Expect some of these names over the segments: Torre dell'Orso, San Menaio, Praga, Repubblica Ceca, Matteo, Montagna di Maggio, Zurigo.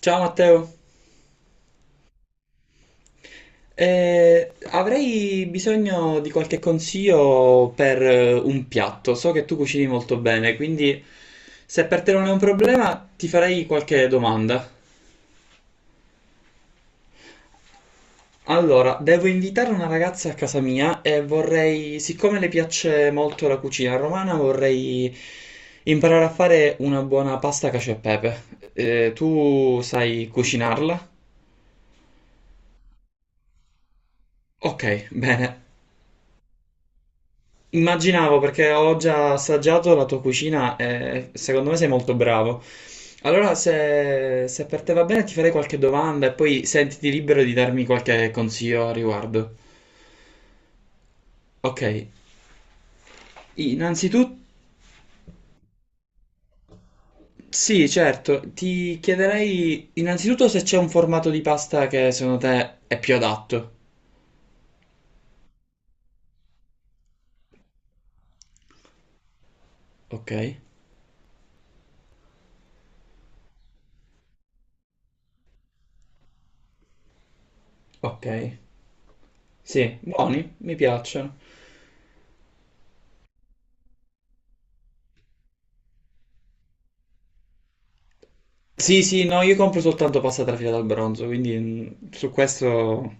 Ciao Matteo, avrei bisogno di qualche consiglio per un piatto. So che tu cucini molto bene, quindi se per te non è un problema ti farei qualche domanda. Allora, devo invitare una ragazza a casa mia e vorrei, siccome le piace molto la cucina romana, vorrei imparare a fare una buona pasta cacio e pepe. Tu sai cucinarla? Ok, bene. Immaginavo perché ho già assaggiato la tua cucina e secondo me sei molto bravo. Allora, se per te va bene, ti farei qualche domanda e poi sentiti libero di darmi qualche consiglio a riguardo. Ok, innanzitutto, sì, certo, ti chiederei innanzitutto se c'è un formato di pasta che secondo te è più adatto. Ok, ok, sì, buoni, mi piacciono. Sì, sì, no, io compro soltanto pasta trafila dal bronzo, quindi su questo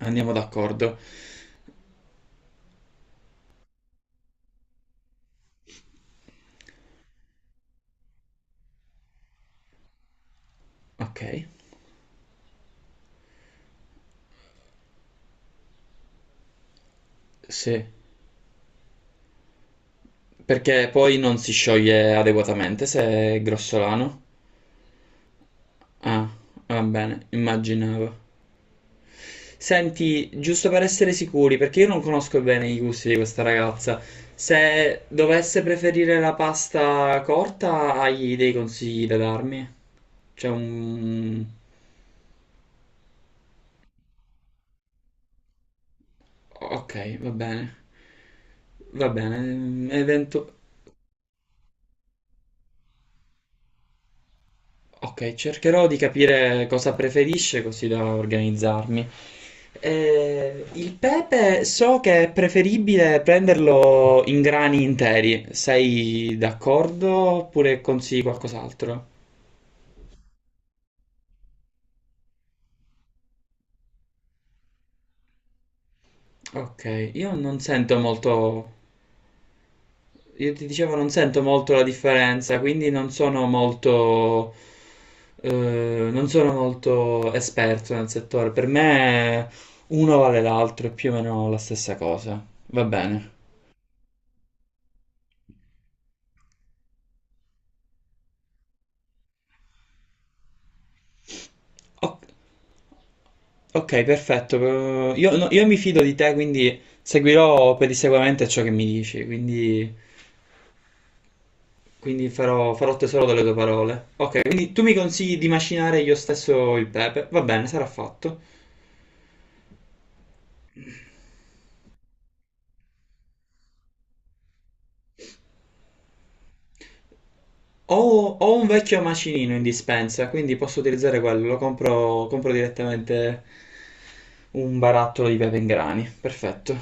andiamo d'accordo. Ok, sì. Perché poi non si scioglie adeguatamente se è grossolano. Ah, va bene, immaginavo. Senti, giusto per essere sicuri, perché io non conosco bene i gusti di questa ragazza, se dovesse preferire la pasta corta, hai dei consigli da darmi? C'è un... Ok, va bene. Va bene, evento... Ok, cercherò di capire cosa preferisce così da organizzarmi. Il pepe so che è preferibile prenderlo in grani interi. Sei d'accordo oppure consigli qualcos'altro? Ok, io non sento molto, io ti dicevo non sento molto la differenza, quindi non sono molto, eh, non sono molto esperto nel settore. Per me uno vale l'altro, è più o meno la stessa cosa. Va bene. O- ok, perfetto. Però io, no, io mi fido di te, quindi seguirò pedissequamente ciò che mi dici, quindi, quindi farò tesoro delle tue parole. Ok, quindi tu mi consigli di macinare io stesso il pepe? Va bene, sarà fatto. Ho, ho un vecchio macinino in dispensa, quindi posso utilizzare quello. Lo compro, compro direttamente un barattolo di pepe in grani. Perfetto.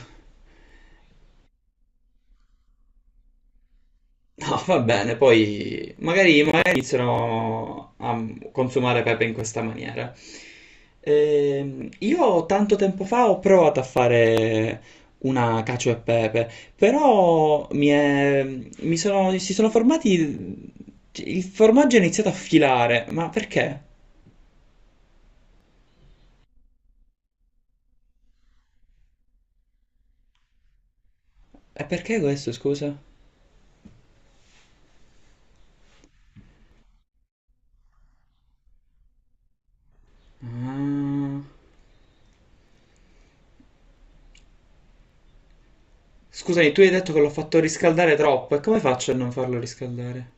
No, va bene, poi magari, magari iniziano a consumare pepe in questa maniera. Io tanto tempo fa ho provato a fare una cacio e pepe, però mi è- mi sono, si sono formati, il formaggio è iniziato a filare, ma perché? E perché questo, scusa? Ah, scusami, tu hai detto che l'ho fatto riscaldare troppo, e come faccio a non farlo riscaldare?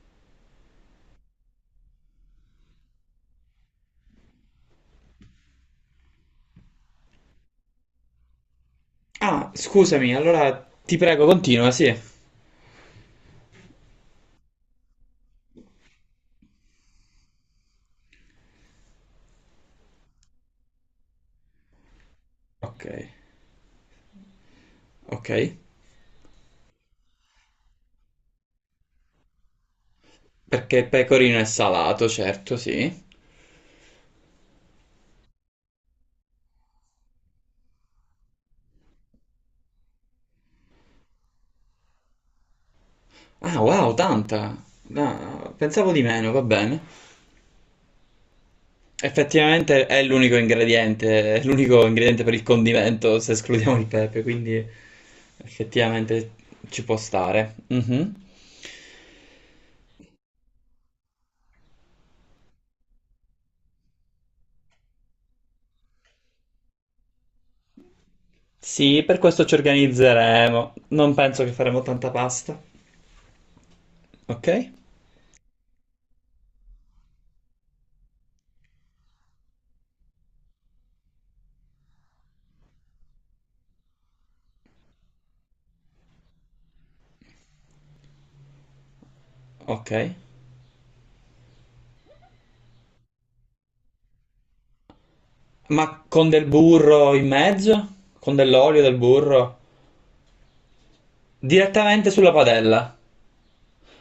Ah, scusami, allora ti prego, continua, sì. Ok, ok. Perché pecorino è salato, certo, sì. Ah, wow, tanta. No, pensavo di meno, va bene. Effettivamente è l'unico ingrediente per il condimento, se escludiamo il pepe, quindi effettivamente ci può stare. Mhm. Sì, per questo ci organizzeremo. Non penso che faremo tanta pasta. Ok? Ok. Ma con del burro in mezzo? Con dell'olio, del burro? Direttamente sulla padella.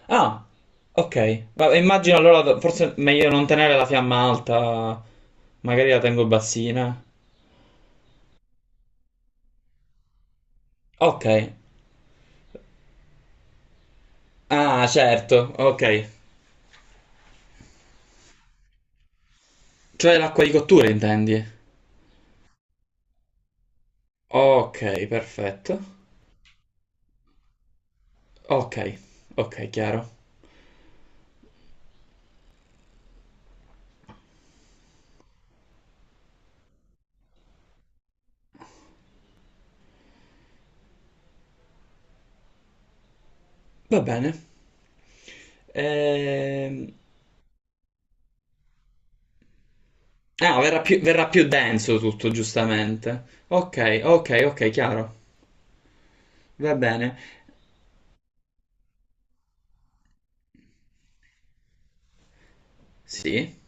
Ah, ok. Vabbè, immagino allora forse è meglio non tenere la fiamma alta, magari la tengo bassina. Ok. Ah, certo, ok. Cioè l'acqua di cottura intendi? Ok, perfetto. Ok, ok, chiaro. Va bene. Ehm... Ah, verrà più denso tutto, giustamente. Ok, ok, ok, chiaro. Va bene. Sì.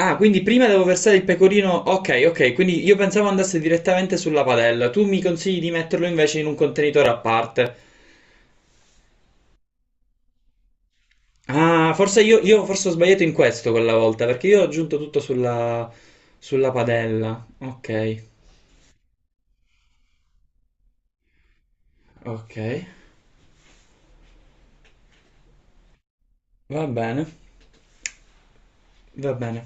Ah, quindi prima devo versare il pecorino. Ok, ok, quindi io pensavo andasse direttamente sulla padella. Tu mi consigli di metterlo invece in un contenitore a parte. Ah, forse io forse ho sbagliato in questo quella volta, perché io ho aggiunto tutto sulla, sulla padella. Ok, ok. Va bene, va bene.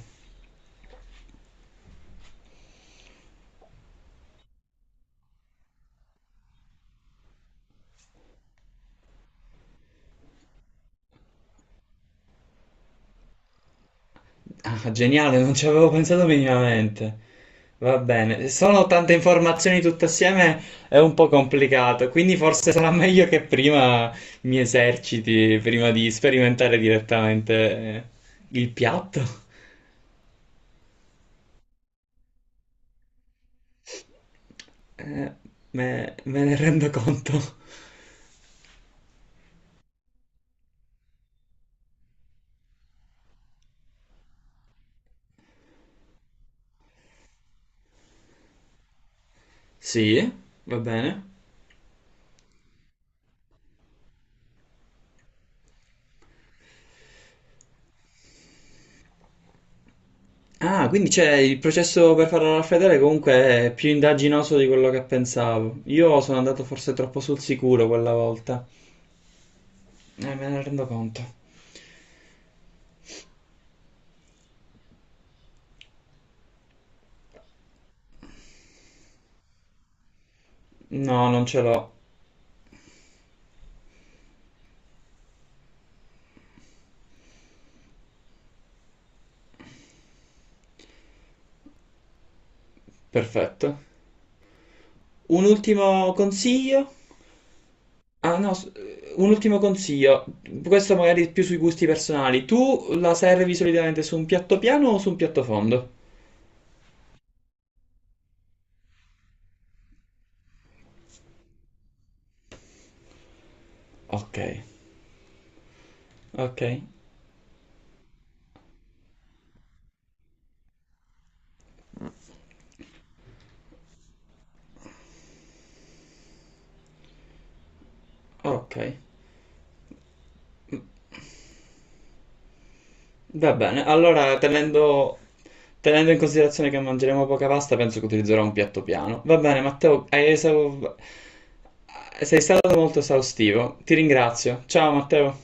Ah, geniale, non ci avevo pensato minimamente. Va bene, sono tante informazioni tutte assieme, è un po' complicato, quindi forse sarà meglio che prima mi eserciti, prima di sperimentare direttamente il piatto. Eh, me ne rendo conto. Sì, va bene. Ah, quindi c'è il processo per farlo raffreddare comunque è più indaginoso di quello che pensavo. Io sono andato forse troppo sul sicuro quella volta. Me ne rendo conto. No, non ce l'ho. Perfetto. Un ultimo consiglio? Ah, no, s- un ultimo consiglio. Questo magari più sui gusti personali. Tu la servi solitamente su un piatto piano o su un piatto fondo? Ok, ok, ok. Va bene. Allora, tenendo in considerazione che mangeremo poca pasta, penso che utilizzerò un piatto piano. Va bene, Matteo, sei stato molto esaustivo. Ti ringrazio. Ciao, Matteo.